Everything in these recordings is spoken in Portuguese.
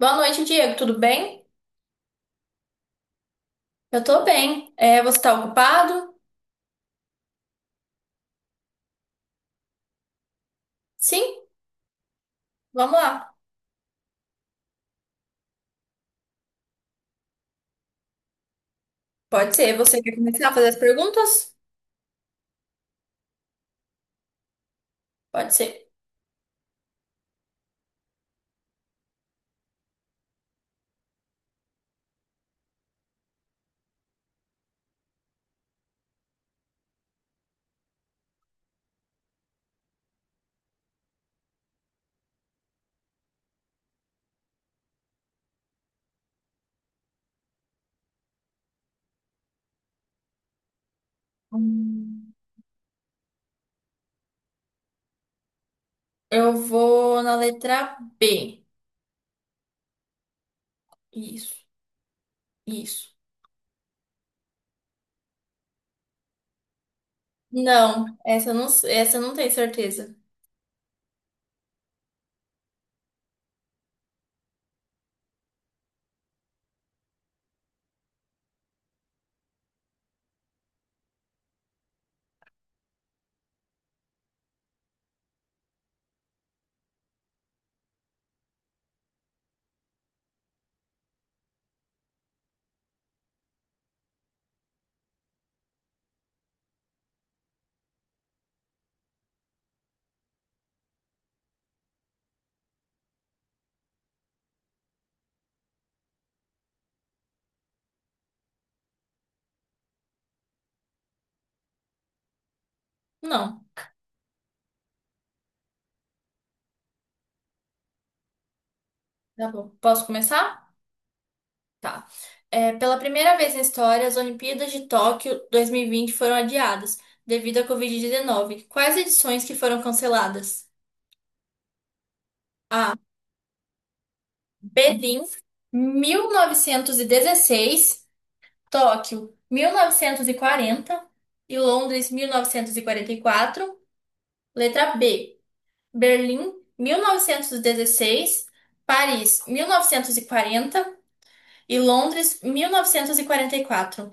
Boa noite, Diego. Tudo bem? Eu tô bem. É, você tá ocupado? Sim, vamos lá. Pode ser. Você quer começar a fazer as perguntas? Pode ser. Hum, Eu vou na letra B. Isso, isso. Não, essa eu não tenho certeza. Não. Tá bom. Posso começar? Tá. É, pela primeira vez na história, as Olimpíadas de Tóquio 2020 foram adiadas devido à Covid-19. Quais edições que foram canceladas? A, Berlim, 1916, Tóquio, 1940 e Londres, mil novecentos e quarenta e quatro. Letra B, Berlim, 1916, Paris, 1940 e Londres, mil novecentos e quarenta e quatro.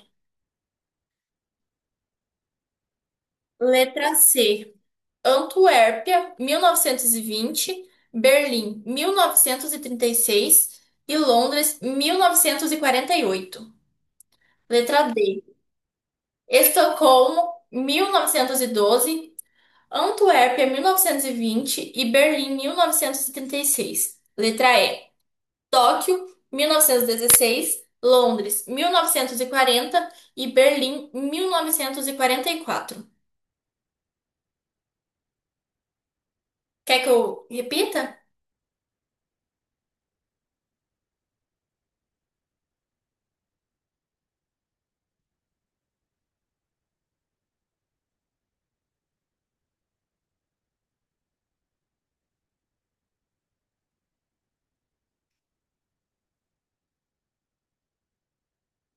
Letra C, Antuérpia, 1920, Berlim, mil novecentos e trinta e seis e Londres, mil novecentos e quarenta e oito. Letra D. Estocolmo, 1912, Antuérpia, mil novecentos e vinte e Berlim, 1936. Letra E. Tóquio, 1916, Londres, 1940 e Berlim, mil novecentos e quarenta e quatro. Quer que eu repita?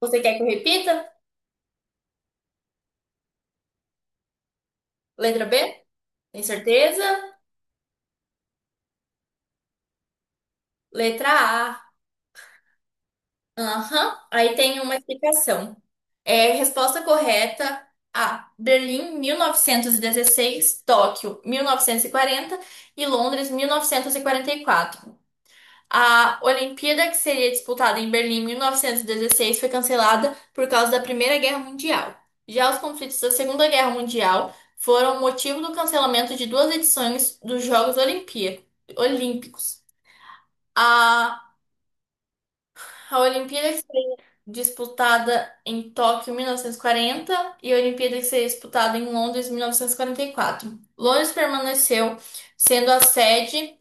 Você quer que eu repita? Letra B? Tem certeza? Letra A. Aham, aí tem uma explicação. É, resposta correta A. Berlim, 1916, Tóquio, mil novecentos e quarenta e Londres, mil novecentos e quarenta e quatro. A Olimpíada que seria disputada em Berlim em 1916 foi cancelada por causa da Primeira Guerra Mundial. Já os conflitos da Segunda Guerra Mundial foram motivo do cancelamento de duas edições dos Jogos Olimpí- Olímpicos. A, a Olimpíada disputada em Tóquio em 1940 e a Olimpíada que seria disputada em Londres em mil novecentos e quarenta e quatro, Londres permaneceu sendo a sede,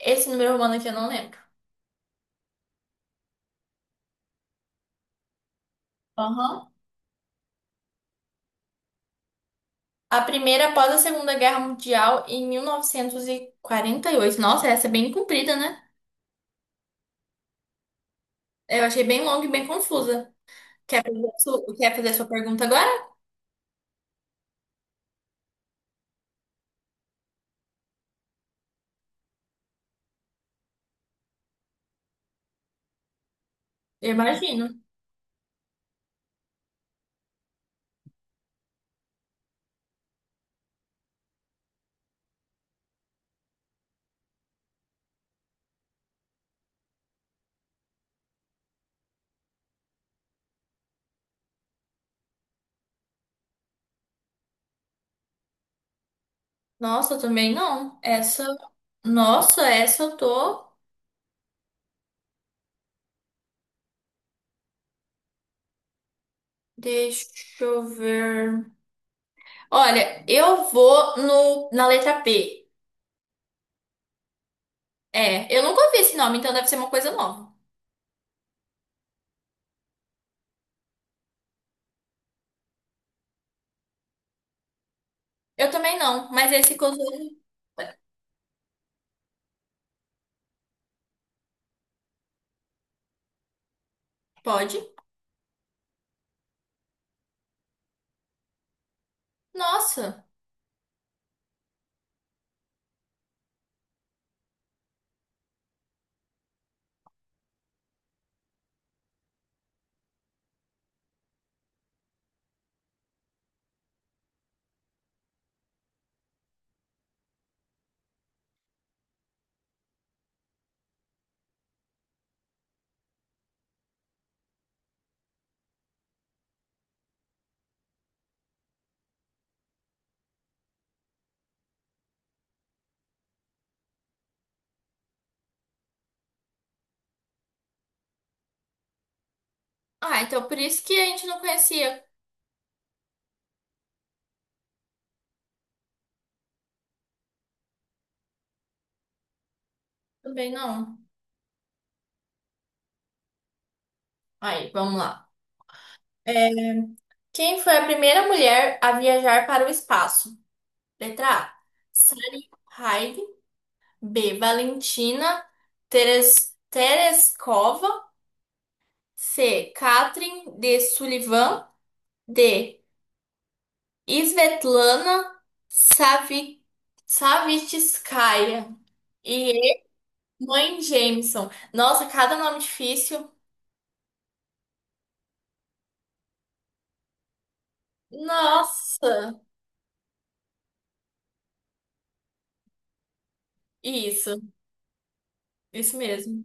esse número romano aqui eu não lembro. Aham. A primeira após a Segunda Guerra Mundial em mil novecentos e quarenta e oito. Nossa, essa é bem comprida, né? Eu achei bem longa e bem confusa. Quer fazer a sua pergunta agora? Eu imagino. Nossa, eu também não. Essa. Nossa, essa eu tô. Deixa eu ver. Olha, eu vou no, na letra P. É, eu nunca ouvi esse nome, então deve ser uma coisa nova. Eu também não, mas esse cotovelo pode? Nossa. Ah, então por isso que a gente não conhecia. Também não. Aí, vamos lá. É, quem foi a primeira mulher a viajar para o espaço? Letra A. Sally Ride. B. Valentina Teres- Tereskova. C. Catherine de Sullivan. D. Svetlana Savi- Savitskaya e mãe Jameson. Nossa, cada nome difícil. Nossa, isso, isso mesmo.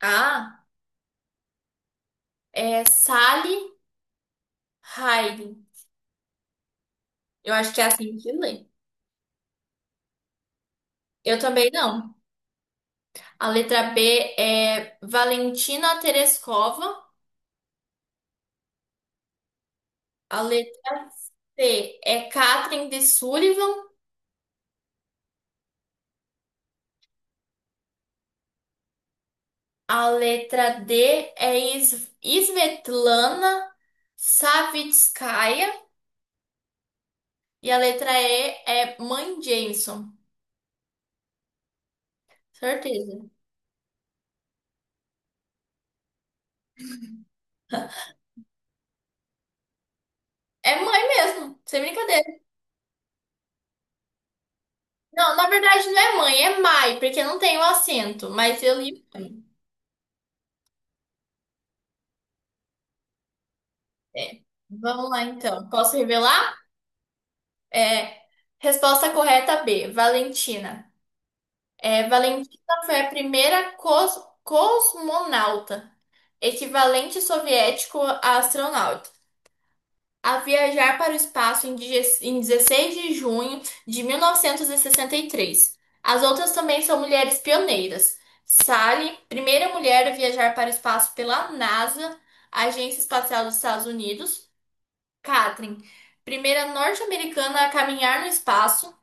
Ah, é Sally Ride. Eu acho que é assim que lê. Eu também não. A letra B é Valentina Tereskova. A letra C é Catherine de Sullivan. A letra D é Is- Svetlana Savitskaya. E a letra E é Mãe Jameson. Certeza. É mãe mesmo, sem brincadeira. Não, na verdade não é mãe, é mãe porque não tem o acento, mas eu li mãe. É. Vamos lá então. Posso revelar? É, resposta correta B, Valentina. É, Valentina foi a primeira cos- cosmonauta, equivalente soviético a astronauta, a viajar para o espaço em die- em 16 de junho de 1963. As outras também são mulheres pioneiras. Sally, primeira mulher a viajar para o espaço pela NASA, Agência Espacial dos Estados Unidos. Katrin, primeira norte-americana a caminhar no espaço.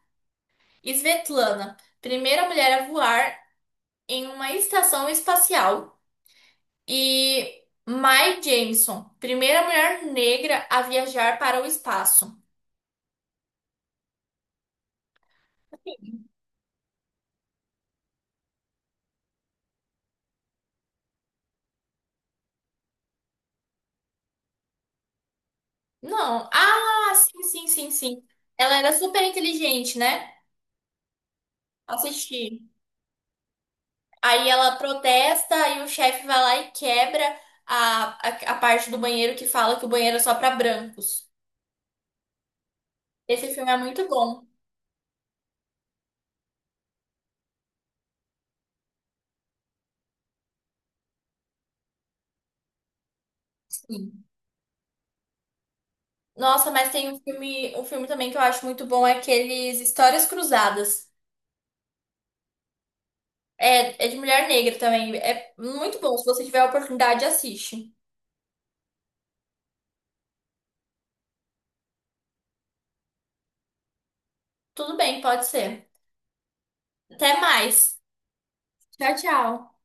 Svetlana, primeira mulher a voar em uma estação espacial. E Mae Jemison, primeira mulher negra a viajar para o espaço. Não. Ah, sim, sim, sim, sim. Ela era super inteligente, né? Assisti. Aí ela protesta e o chefe vai lá e quebra a, a, a parte do banheiro que fala que o banheiro é só pra brancos. Esse filme é muito bom. Sim. Nossa, mas tem um filme também que eu acho muito bom, é aqueles Histórias Cruzadas. É, é de mulher negra também. É muito bom. Se você tiver a oportunidade, assiste. Tudo bem, pode ser. Até mais. Tchau, tchau.